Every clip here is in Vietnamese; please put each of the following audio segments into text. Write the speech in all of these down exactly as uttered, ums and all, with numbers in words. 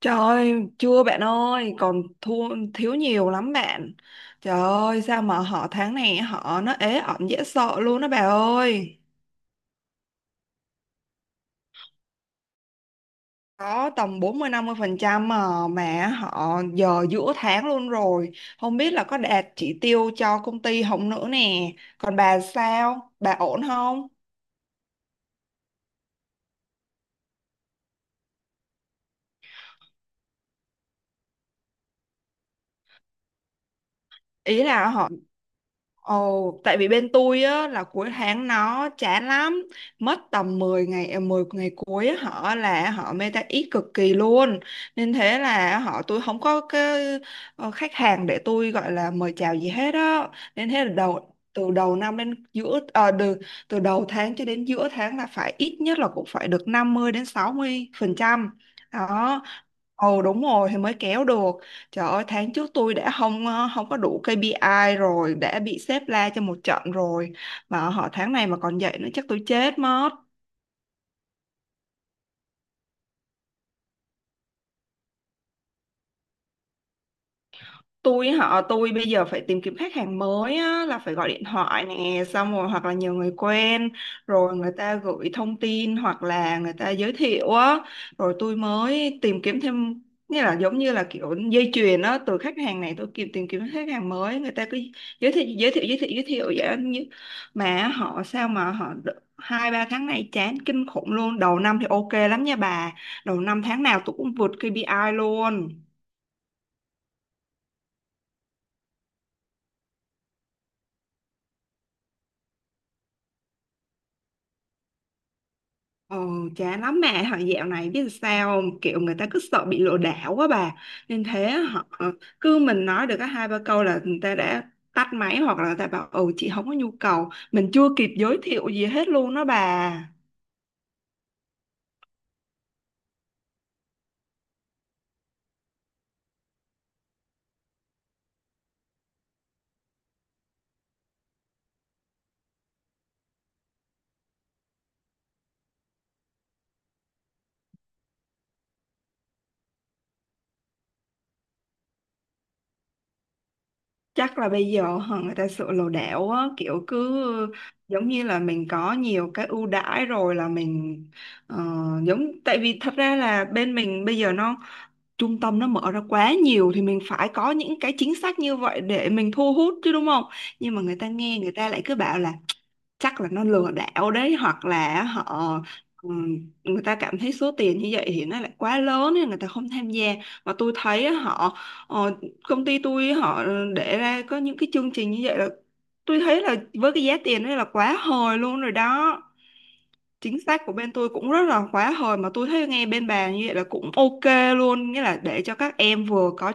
Trời ơi, chưa bạn ơi, còn thua thiếu nhiều lắm bạn. Trời ơi, sao mà họ tháng này họ nó ế ẩm dễ sợ luôn đó bà ơi. Có tầm bốn mươi mươi năm phần trăm mà mà họ giờ giữa tháng luôn rồi. Không biết là có đạt chỉ tiêu cho công ty không nữa nè. Còn bà sao? Bà ổn không? Ý là họ Ồ, tại vì bên tôi á là cuối tháng nó chán lắm, mất tầm mười ngày ờ, mười ngày cuối á, họ là họ meta ít cực kỳ luôn. Nên thế là họ tôi không có cái ờ, khách hàng để tôi gọi là mời chào gì hết á. Nên thế là đầu từ đầu năm đến giữa ờ, từ, từ đầu tháng cho đến giữa tháng là phải ít nhất là cũng phải được năm mươi đến sáu mươi phần trăm. Đó. Ồ đúng rồi thì mới kéo được. Trời ơi, tháng trước tôi đã không ờ, không có đủ ca pê i rồi, đã bị sếp la cho một trận rồi. Mà họ tháng này mà còn vậy nữa chắc tôi chết mất. tôi họ tôi bây giờ phải tìm kiếm khách hàng mới á, là phải gọi điện thoại nè, xong rồi hoặc là nhờ người quen, rồi người ta gửi thông tin hoặc là người ta giới thiệu á, rồi tôi mới tìm kiếm thêm. Nghĩa là giống như là kiểu dây chuyền á, từ khách hàng này tôi kịp tìm kiếm khách hàng mới, người ta cứ giới thiệu giới thiệu giới thiệu giới thiệu vậy á. Như mà họ sao mà họ đ- hai ba tháng nay chán kinh khủng luôn. Đầu năm thì ok lắm nha bà, đầu năm tháng nào tôi cũng vượt ca pê i luôn. Ờ, chán lắm mẹ thằng dạo này biết sao không? Kiểu người ta cứ sợ bị lừa đảo quá bà, nên thế họ ờ, cứ mình nói được cái hai ba câu là người ta đã tắt máy, hoặc là người ta bảo ừ chị không có nhu cầu, mình chưa kịp giới thiệu gì hết luôn đó bà. Chắc là bây giờ hả, người ta sợ lừa đảo á, kiểu cứ giống như là mình có nhiều cái ưu đãi rồi là mình ờ, giống, tại vì thật ra là bên mình bây giờ nó, trung tâm nó mở ra quá nhiều thì mình phải có những cái chính sách như vậy để mình thu hút chứ, đúng không? Nhưng mà người ta nghe người ta lại cứ bảo là chắc là nó lừa đảo đấy, hoặc là họ ừm, người ta cảm thấy số tiền như vậy thì nó lại quá lớn nên người ta không tham gia. Mà tôi thấy á, họ ờ, công ty tôi họ để ra có những cái chương trình như vậy là tôi thấy là với cái giá tiền đó là quá hời luôn rồi đó. Chính sách của bên tôi cũng rất là khóa hồi mà tôi thấy nghe bên bà như vậy là cũng ok luôn, nghĩa là để cho các em vừa có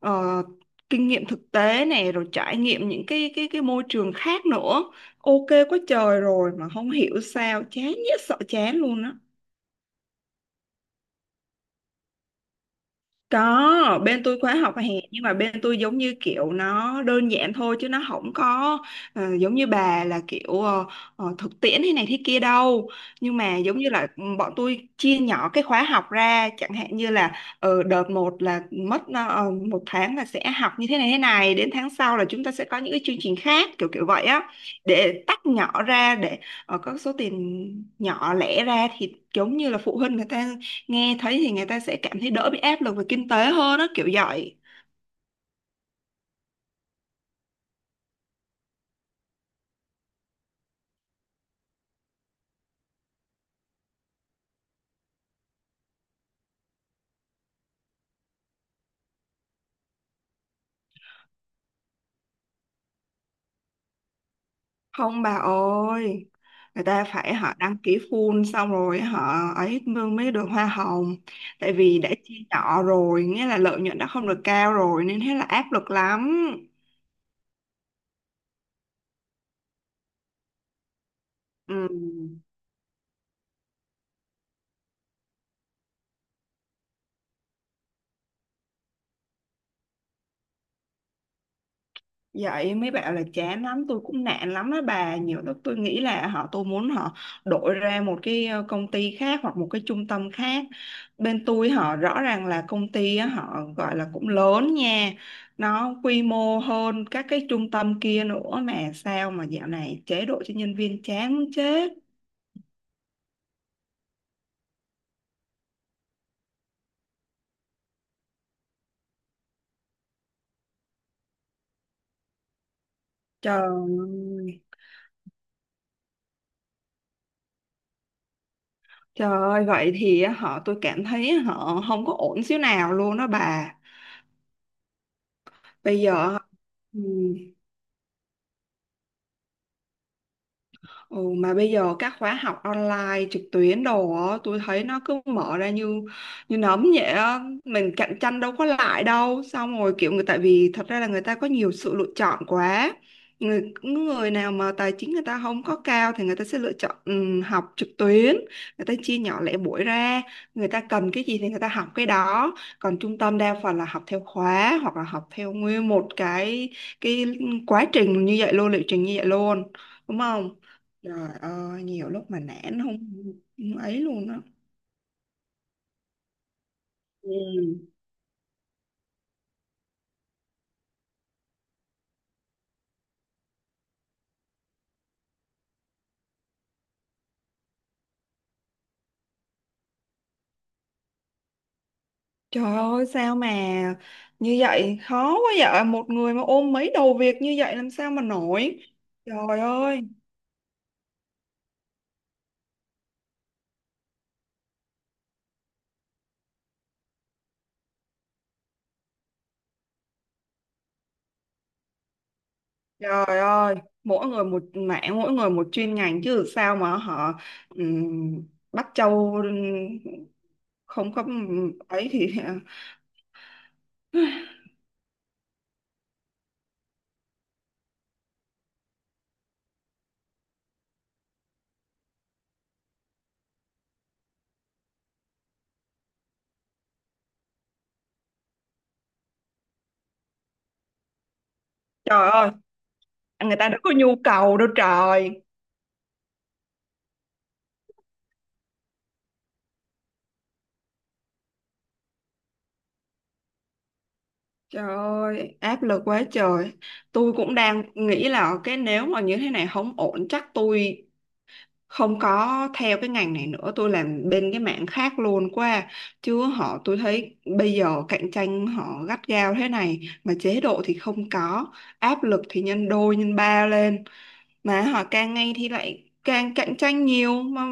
ờ, kinh nghiệm thực tế này, rồi trải nghiệm những cái cái cái môi trường khác nữa. Ok quá trời rồi mà không hiểu sao chán nhất sợ chán luôn á. Có, bên tôi khóa học hè, nhưng mà bên tôi giống như kiểu nó đơn giản thôi chứ nó không có ờ, giống như bà là kiểu ờ, ờ, thực tiễn thế này thế kia đâu. Nhưng mà giống như là ừ, bọn tôi chia nhỏ cái khóa học ra, chẳng hạn như là ờ, đợt một là mất ờ, ờ, một tháng là sẽ học như thế này thế này, đến tháng sau là chúng ta sẽ có những cái chương trình khác kiểu kiểu vậy á, để tách nhỏ ra để ờ, có số tiền nhỏ lẻ ra thì giống như là phụ huynh người ta nghe thấy thì người ta sẽ cảm thấy đỡ bị áp lực về kinh tế hơn đó kiểu vậy. Không bà ơi, người ta phải họ đăng ký full xong rồi họ ấy mới mới được hoa hồng. Tại vì đã chia nhỏ rồi nghĩa là lợi nhuận đã không được cao rồi nên thế là áp lực lắm. Ừ. Vậy mấy bạn là chán lắm, tôi cũng nản lắm đó bà. Nhiều lúc tôi nghĩ là họ tôi muốn họ đổi ra một cái ờ, công ty khác hoặc một cái trung tâm khác. Bên tôi họ rõ ràng là công ty á, họ gọi là cũng lớn nha. Nó quy mô hơn các cái trung tâm kia nữa mà sao mà dạo này chế độ cho nhân viên chán muốn chết. Trời ơi, trời ơi, vậy thì họ tôi cảm thấy họ không có ổn xíu nào luôn đó bà. Bây giờ ừ, Ừ, Mà bây giờ các khóa học online trực tuyến đồ á, tôi thấy nó cứ mở ra như như nấm vậy á, mình cạnh tranh đâu có lại đâu. Xong rồi kiểu người, tại vì thật ra là người ta có nhiều sự lựa chọn quá. Người Người nào mà tài chính người ta không có cao thì người ta sẽ lựa chọn ừ, học trực tuyến, người ta chia nhỏ lẻ buổi ra, người ta cần cái gì thì người ta học cái đó. Còn trung tâm đa phần là học theo khóa hoặc là học theo nguyên một cái cái quá trình như vậy luôn, liệu trình như vậy luôn, đúng không? Trời ơi, nhiều lúc mà nản không, không ấy luôn á. Ừ. Trời ơi sao mà như vậy khó quá vậy, một người mà ôm mấy đầu việc như vậy làm sao mà nổi. Trời ơi, trời ơi, mỗi người một mảng, mỗi người một chuyên ngành chứ, sao mà họ ừm, bắt châu không có ừ, ấy thì trời ơi, người ta đâu có nhu cầu đâu trời. Trời ơi, áp lực quá trời. Tôi cũng đang nghĩ là cái nếu mà như thế này không ổn chắc tôi không có theo cái ngành này nữa, tôi làm bên cái mảng khác luôn qua. Chứ họ tôi thấy bây giờ cạnh tranh họ gắt gao thế này mà chế độ thì không có, áp lực thì nhân đôi nhân ba lên, mà họ càng ngày thì lại càng cạnh tranh nhiều, mà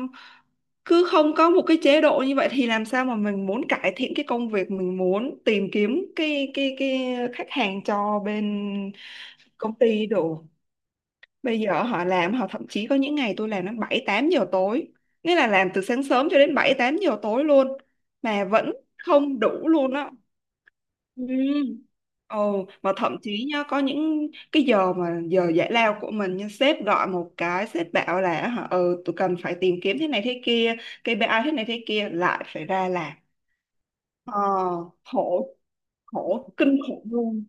cứ không có một cái chế độ như vậy thì làm sao mà mình muốn cải thiện cái công việc, mình muốn tìm kiếm cái cái cái khách hàng cho bên công ty đủ. Bây giờ họ làm họ thậm chí có những ngày tôi làm đến bảy tám giờ tối, nghĩa là làm từ sáng sớm cho đến bảy tám giờ tối luôn mà vẫn không đủ luôn á. Ừ. Ồ, mà thậm chí nhá, có những cái giờ mà giờ giải lao của mình nhưng sếp gọi một cái sếp bảo là hả, ừ, tụi cần phải tìm kiếm thế này thế kia, ca pê i thế này thế kia lại phải ra làm ờ, khổ khổ kinh khủng luôn.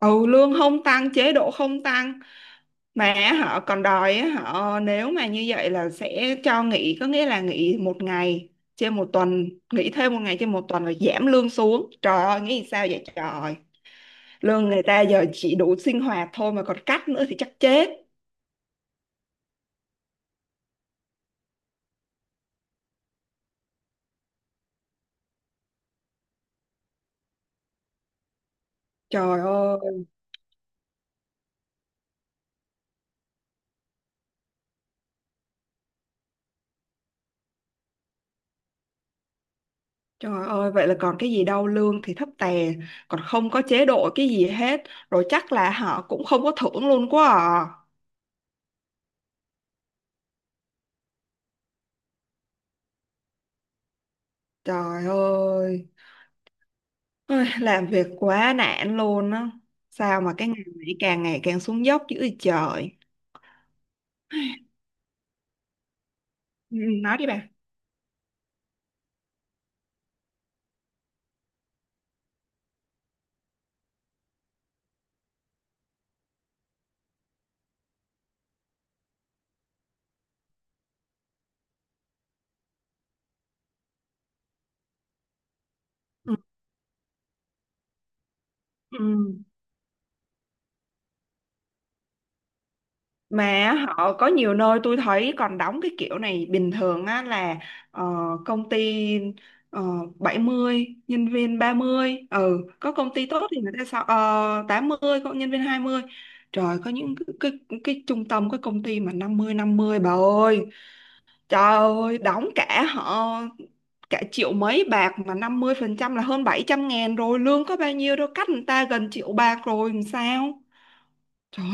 Ừ, lương không tăng, chế độ không tăng, mà họ còn đòi á, họ nếu mà như vậy là sẽ cho nghỉ, có nghĩa là nghỉ một ngày trên một tuần, nghỉ thêm một ngày trên một tuần rồi giảm lương xuống, trời ơi nghĩ sao vậy trời. Lương người ta giờ chỉ đủ sinh hoạt thôi mà còn cắt nữa thì chắc chết. Trời ơi, trời ơi, vậy là còn cái gì đâu, lương thì thấp tè, còn không có chế độ cái gì hết, rồi chắc là họ cũng không có thưởng luôn quá à. Trời ơi. Ôi, làm việc quá nản luôn á. Sao mà cái ngành này càng ngày càng xuống dốc dữ vậy trời. Ừ, nói đi bà. Ừ. Ừ. Mà họ có nhiều nơi tôi thấy còn đóng cái kiểu này bình thường á, là ờ, công ty ờ, bảy mươi nhân viên ba mươi, ừ có công ty tốt thì người ta sao ờ, tám mươi có nhân viên hai mươi. Trời, có những cái, cái cái trung tâm cái công ty mà năm mươi năm mươi bà ơi. Trời ơi đóng cả họ cả triệu mấy bạc mà năm mươi phần trăm là hơn bảy trăm ngàn rồi, lương có bao nhiêu đâu, cắt người ta gần triệu bạc rồi làm sao. Trời.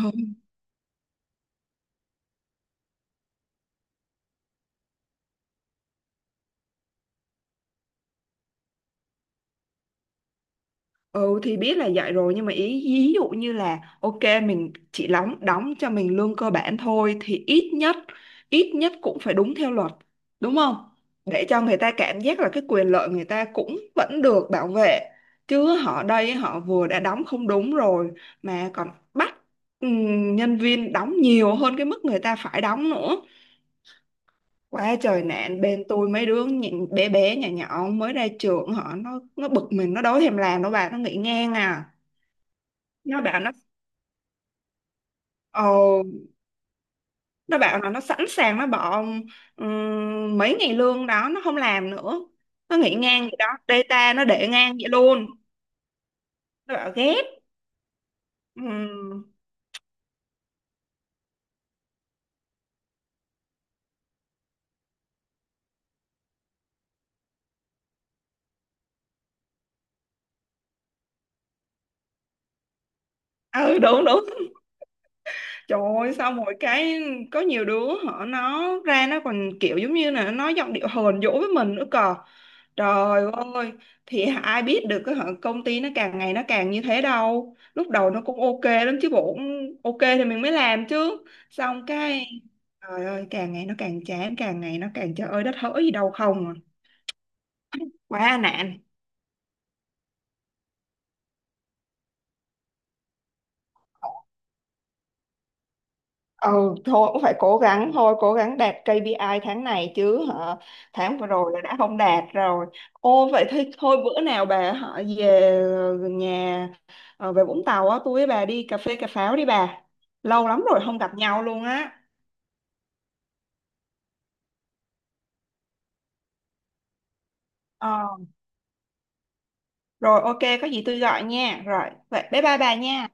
Ừ thì biết là vậy rồi nhưng mà ý ví dụ như là ok, mình chỉ đóng đóng cho mình lương cơ bản thôi thì ít nhất, ít nhất cũng phải đúng theo luật, đúng không? Để cho người ta cảm giác là cái quyền lợi người ta cũng vẫn được bảo vệ, chứ họ đây họ vừa đã đóng không đúng rồi mà còn bắt ừm, nhân viên đóng nhiều hơn cái mức người ta phải đóng nữa. Quá trời nạn bên tôi, mấy đứa nhìn bé bé nhỏ nhỏ mới ra trường họ nó nó bực mình, nó đâu thèm làm đâu bà, nó nghỉ ngang à. nó bảo nó ồ nó bảo là nó sẵn sàng nó bỏ ừm, mấy ngày lương đó nó không làm nữa, nó nghỉ ngang vậy đó, data nó để ngang vậy luôn. Nó bảo ghét. Ừm, ừ, đúng đúng. Trời ơi sao mỗi cái, có nhiều đứa họ nó ra nó còn kiểu giống như là nó nói giọng điệu hờn dỗi với mình nữa cờ, trời ơi, thì ai biết được cái họ công ty nó càng ngày nó càng như thế đâu, lúc đầu nó cũng ok lắm chứ bộ, cũng ok thì mình mới làm chứ, xong cái. Trời ơi, càng ngày nó càng chán, càng ngày nó càng trời ơi đất hỡi gì đâu không à. Quá nạn. Ừ thôi cũng phải cố gắng, thôi cố gắng đạt ca pê i tháng này chứ hả. Tháng vừa rồi là đã không đạt rồi. Ô vậy thì thôi bữa nào bà họ về ờ, nhà ờ, về Vũng Tàu á, tôi với bà đi cà phê cà pháo đi bà, lâu lắm rồi không gặp nhau luôn á. ờ Rồi ok, có gì tôi gọi nha, rồi vậy bye bye bà nha.